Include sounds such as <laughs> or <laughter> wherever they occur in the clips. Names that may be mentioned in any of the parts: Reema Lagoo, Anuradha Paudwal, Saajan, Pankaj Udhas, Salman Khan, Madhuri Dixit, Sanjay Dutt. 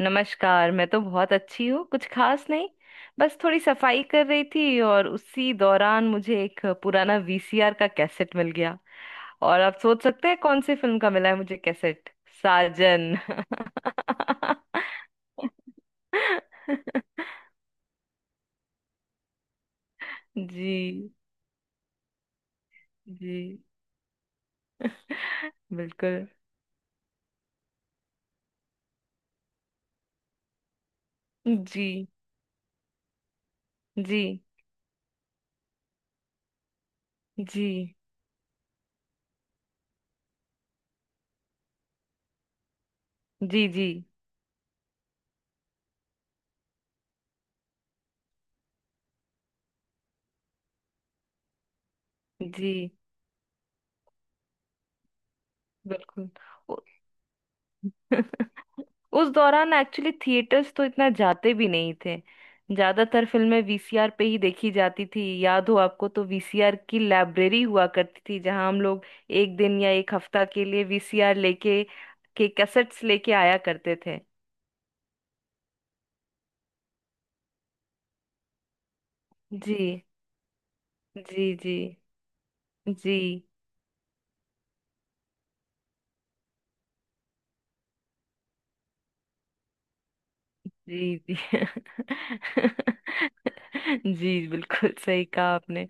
नमस्कार। मैं तो बहुत अच्छी हूँ। कुछ खास नहीं। बस थोड़ी सफाई कर रही थी और उसी दौरान मुझे एक पुराना वीसीआर का कैसेट मिल गया। और आप सोच सकते हैं कौन सी फिल्म का मिला है मुझे कैसेट। साजन। <laughs> जी। जी बिल्कुल। जी जी जी। जी जी जी बिल्कुल। ओ- <laughs> उस दौरान एक्चुअली थिएटर्स तो इतना जाते भी नहीं थे। ज्यादातर फिल्में वीसीआर पे ही देखी जाती थी। याद हो आपको तो वीसीआर की लाइब्रेरी हुआ करती थी जहां हम लोग एक दिन या एक हफ्ता के लिए वीसीआर लेके के कैसेट्स लेके आया करते थे। जी जी जी जी जी जी। <laughs> जी बिल्कुल सही कहा आपने।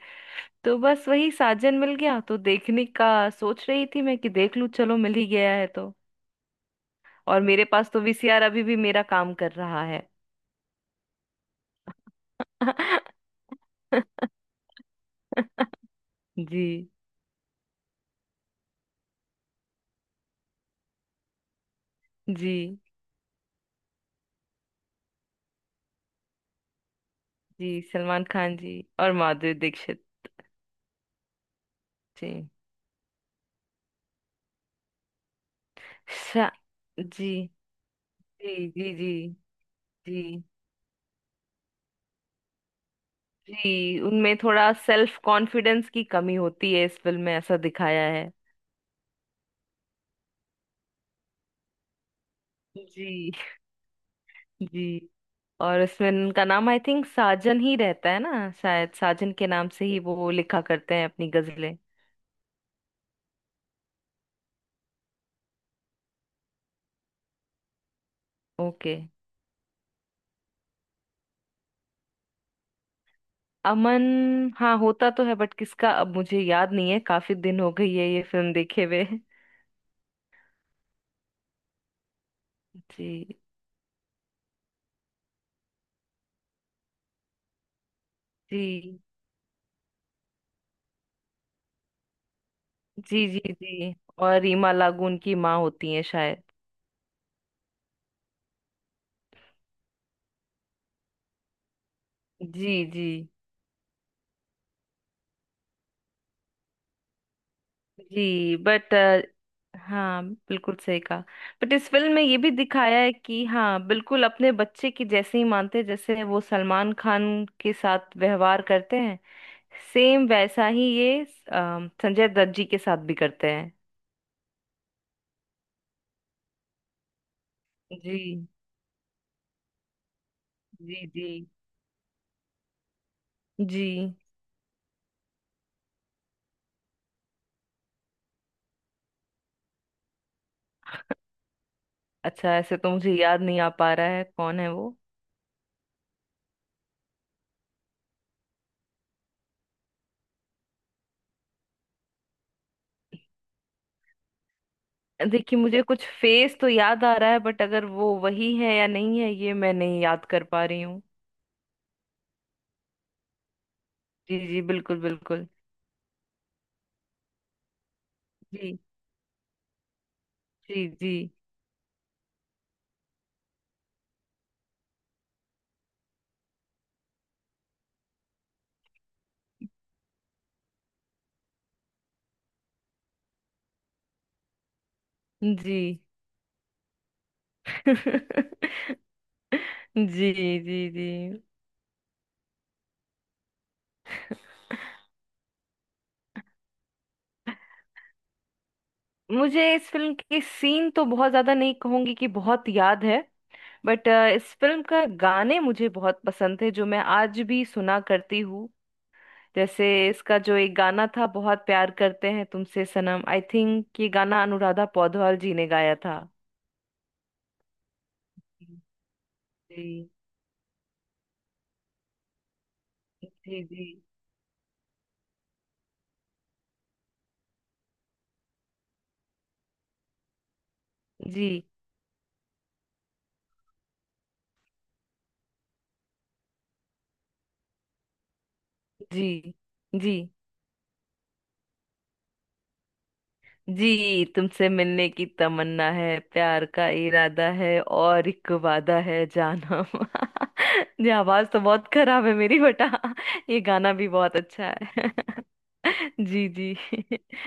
तो बस वही साजन मिल गया तो देखने का सोच रही थी मैं कि देख लूं, चलो मिल ही गया है तो। और मेरे पास तो वीसीआर अभी भी मेरा काम कर रहा है। <laughs> जी जी। जी सलमान खान जी और माधुरी दीक्षित जी। शा जी जी जी। जी जी जी उनमें थोड़ा सेल्फ कॉन्फिडेंस की कमी होती है, इस फिल्म में ऐसा दिखाया है। जी जी। और इसमें उनका नाम आई थिंक साजन ही रहता है ना, शायद साजन के नाम से ही वो लिखा करते हैं अपनी गजलें। ओके। अमन। हाँ, होता तो है बट किसका अब मुझे याद नहीं है, काफी दिन हो गई है ये फिल्म देखे हुए। जी जी जी जी जी। और रीमा लागू उनकी माँ होती है शायद। जी जी जी। बट हाँ बिल्कुल सही कहा। बट इस फिल्म में ये भी दिखाया है कि हाँ बिल्कुल अपने बच्चे की जैसे ही मानते हैं, जैसे वो सलमान खान के साथ व्यवहार करते हैं, सेम वैसा ही ये संजय दत्त जी के साथ भी करते हैं। जी जी जी जी। अच्छा, ऐसे तो मुझे याद नहीं आ पा रहा है कौन है वो। देखिए मुझे कुछ फेस तो याद आ रहा है बट अगर वो वही है या नहीं है ये मैं नहीं याद कर पा रही हूँ। जी जी बिल्कुल बिल्कुल। जी जी जी जी। <laughs> जी जी जी। मुझे इस फिल्म के सीन तो बहुत ज्यादा नहीं कहूंगी कि बहुत याद है। बट इस फिल्म का गाने मुझे बहुत पसंद थे जो मैं आज भी सुना करती हूँ। जैसे इसका जो एक गाना था बहुत प्यार करते हैं तुमसे सनम, आई थिंक ये गाना अनुराधा पौडवाल जी ने गाया था। जी जी जी जी जी जी जी। तुमसे मिलने की तमन्ना है प्यार का इरादा है और एक वादा है जानम। <laughs> ये आवाज तो बहुत खराब है मेरी बेटा। <laughs> ये गाना भी बहुत अच्छा है। <laughs> जी जी। <laughs>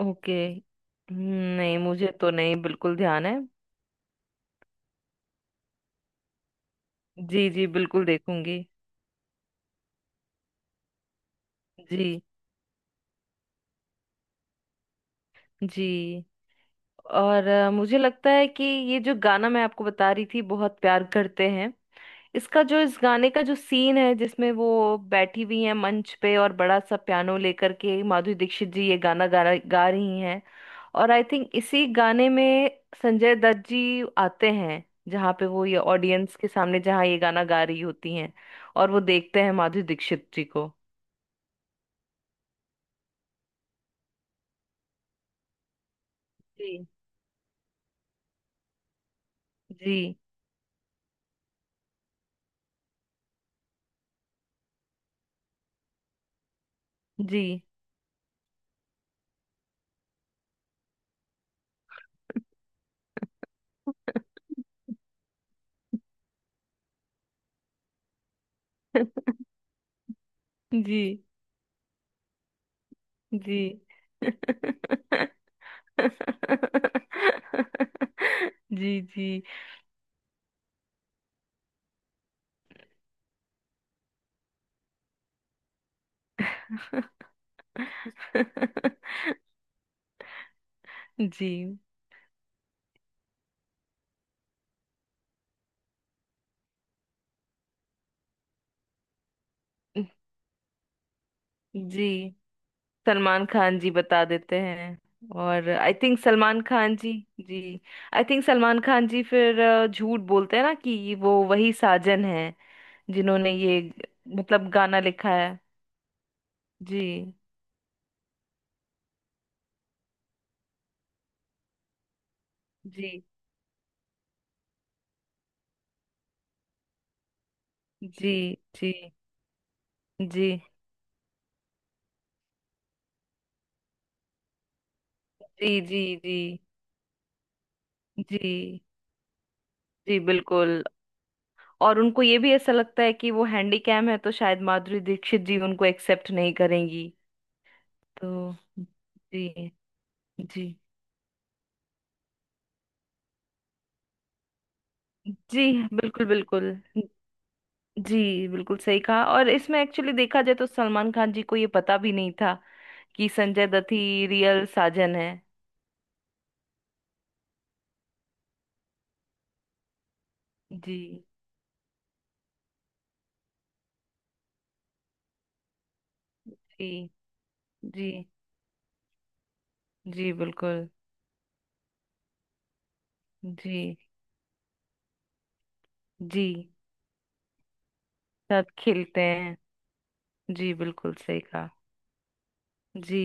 ओके। नहीं मुझे तो नहीं बिल्कुल ध्यान है। जी जी बिल्कुल देखूंगी। जी जी। और मुझे लगता है कि ये जो गाना मैं आपको बता रही थी बहुत प्यार करते हैं। इसका जो इस गाने का जो सीन है जिसमें वो बैठी हुई हैं मंच पे और बड़ा सा पियानो लेकर के माधुरी दीक्षित जी ये गाना गा रही हैं। और आई थिंक इसी गाने में संजय दत्त जी आते हैं जहाँ पे वो ये ऑडियंस के सामने जहाँ ये गाना गा रही होती हैं और वो देखते हैं माधुरी दीक्षित जी को। जी जी जी। <laughs> जी जी। <laughs> जी जी। <laughs> जी जी सलमान खान जी बता देते हैं। और आई थिंक सलमान खान जी। जी। आई थिंक सलमान खान जी फिर झूठ बोलते हैं ना कि वो वही साजन है जिन्होंने ये मतलब गाना लिखा है। जी जी जी जी जी जी जी जी। जी जी बिल्कुल। और उनको ये भी ऐसा लगता है कि वो हैंडीकैम है तो शायद माधुरी दीक्षित जी उनको एक्सेप्ट नहीं करेंगी तो। जी जी जी बिल्कुल बिल्कुल। जी बिल्कुल सही कहा। और इसमें एक्चुअली देखा जाए तो सलमान खान जी को ये पता भी नहीं था कि संजय दत्त ही रियल साजन है। जी जी जी जी बिल्कुल। जी जी साथ खेलते हैं। जी बिल्कुल सही कहा। जी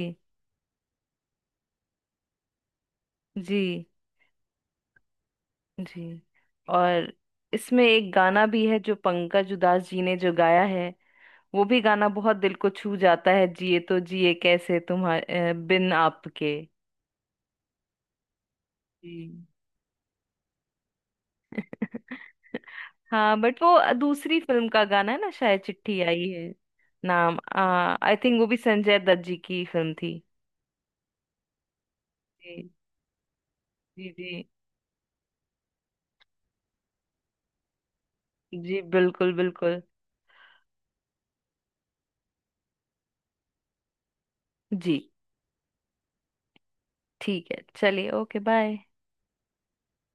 जी जी। और इसमें एक गाना भी है जो पंकज उधास जी ने जो गाया है। वो भी गाना बहुत दिल को छू जाता है, जिए तो जिए कैसे तुम्हारे बिन आपके। जी। <laughs> हाँ बट वो दूसरी फिल्म का गाना है ना शायद, चिट्ठी आई है। नाम, आई थिंक वो भी संजय दत्त जी की फिल्म थी। जी जी जी। जी बिल्कुल बिल्कुल। जी ठीक है चलिए ओके बाय।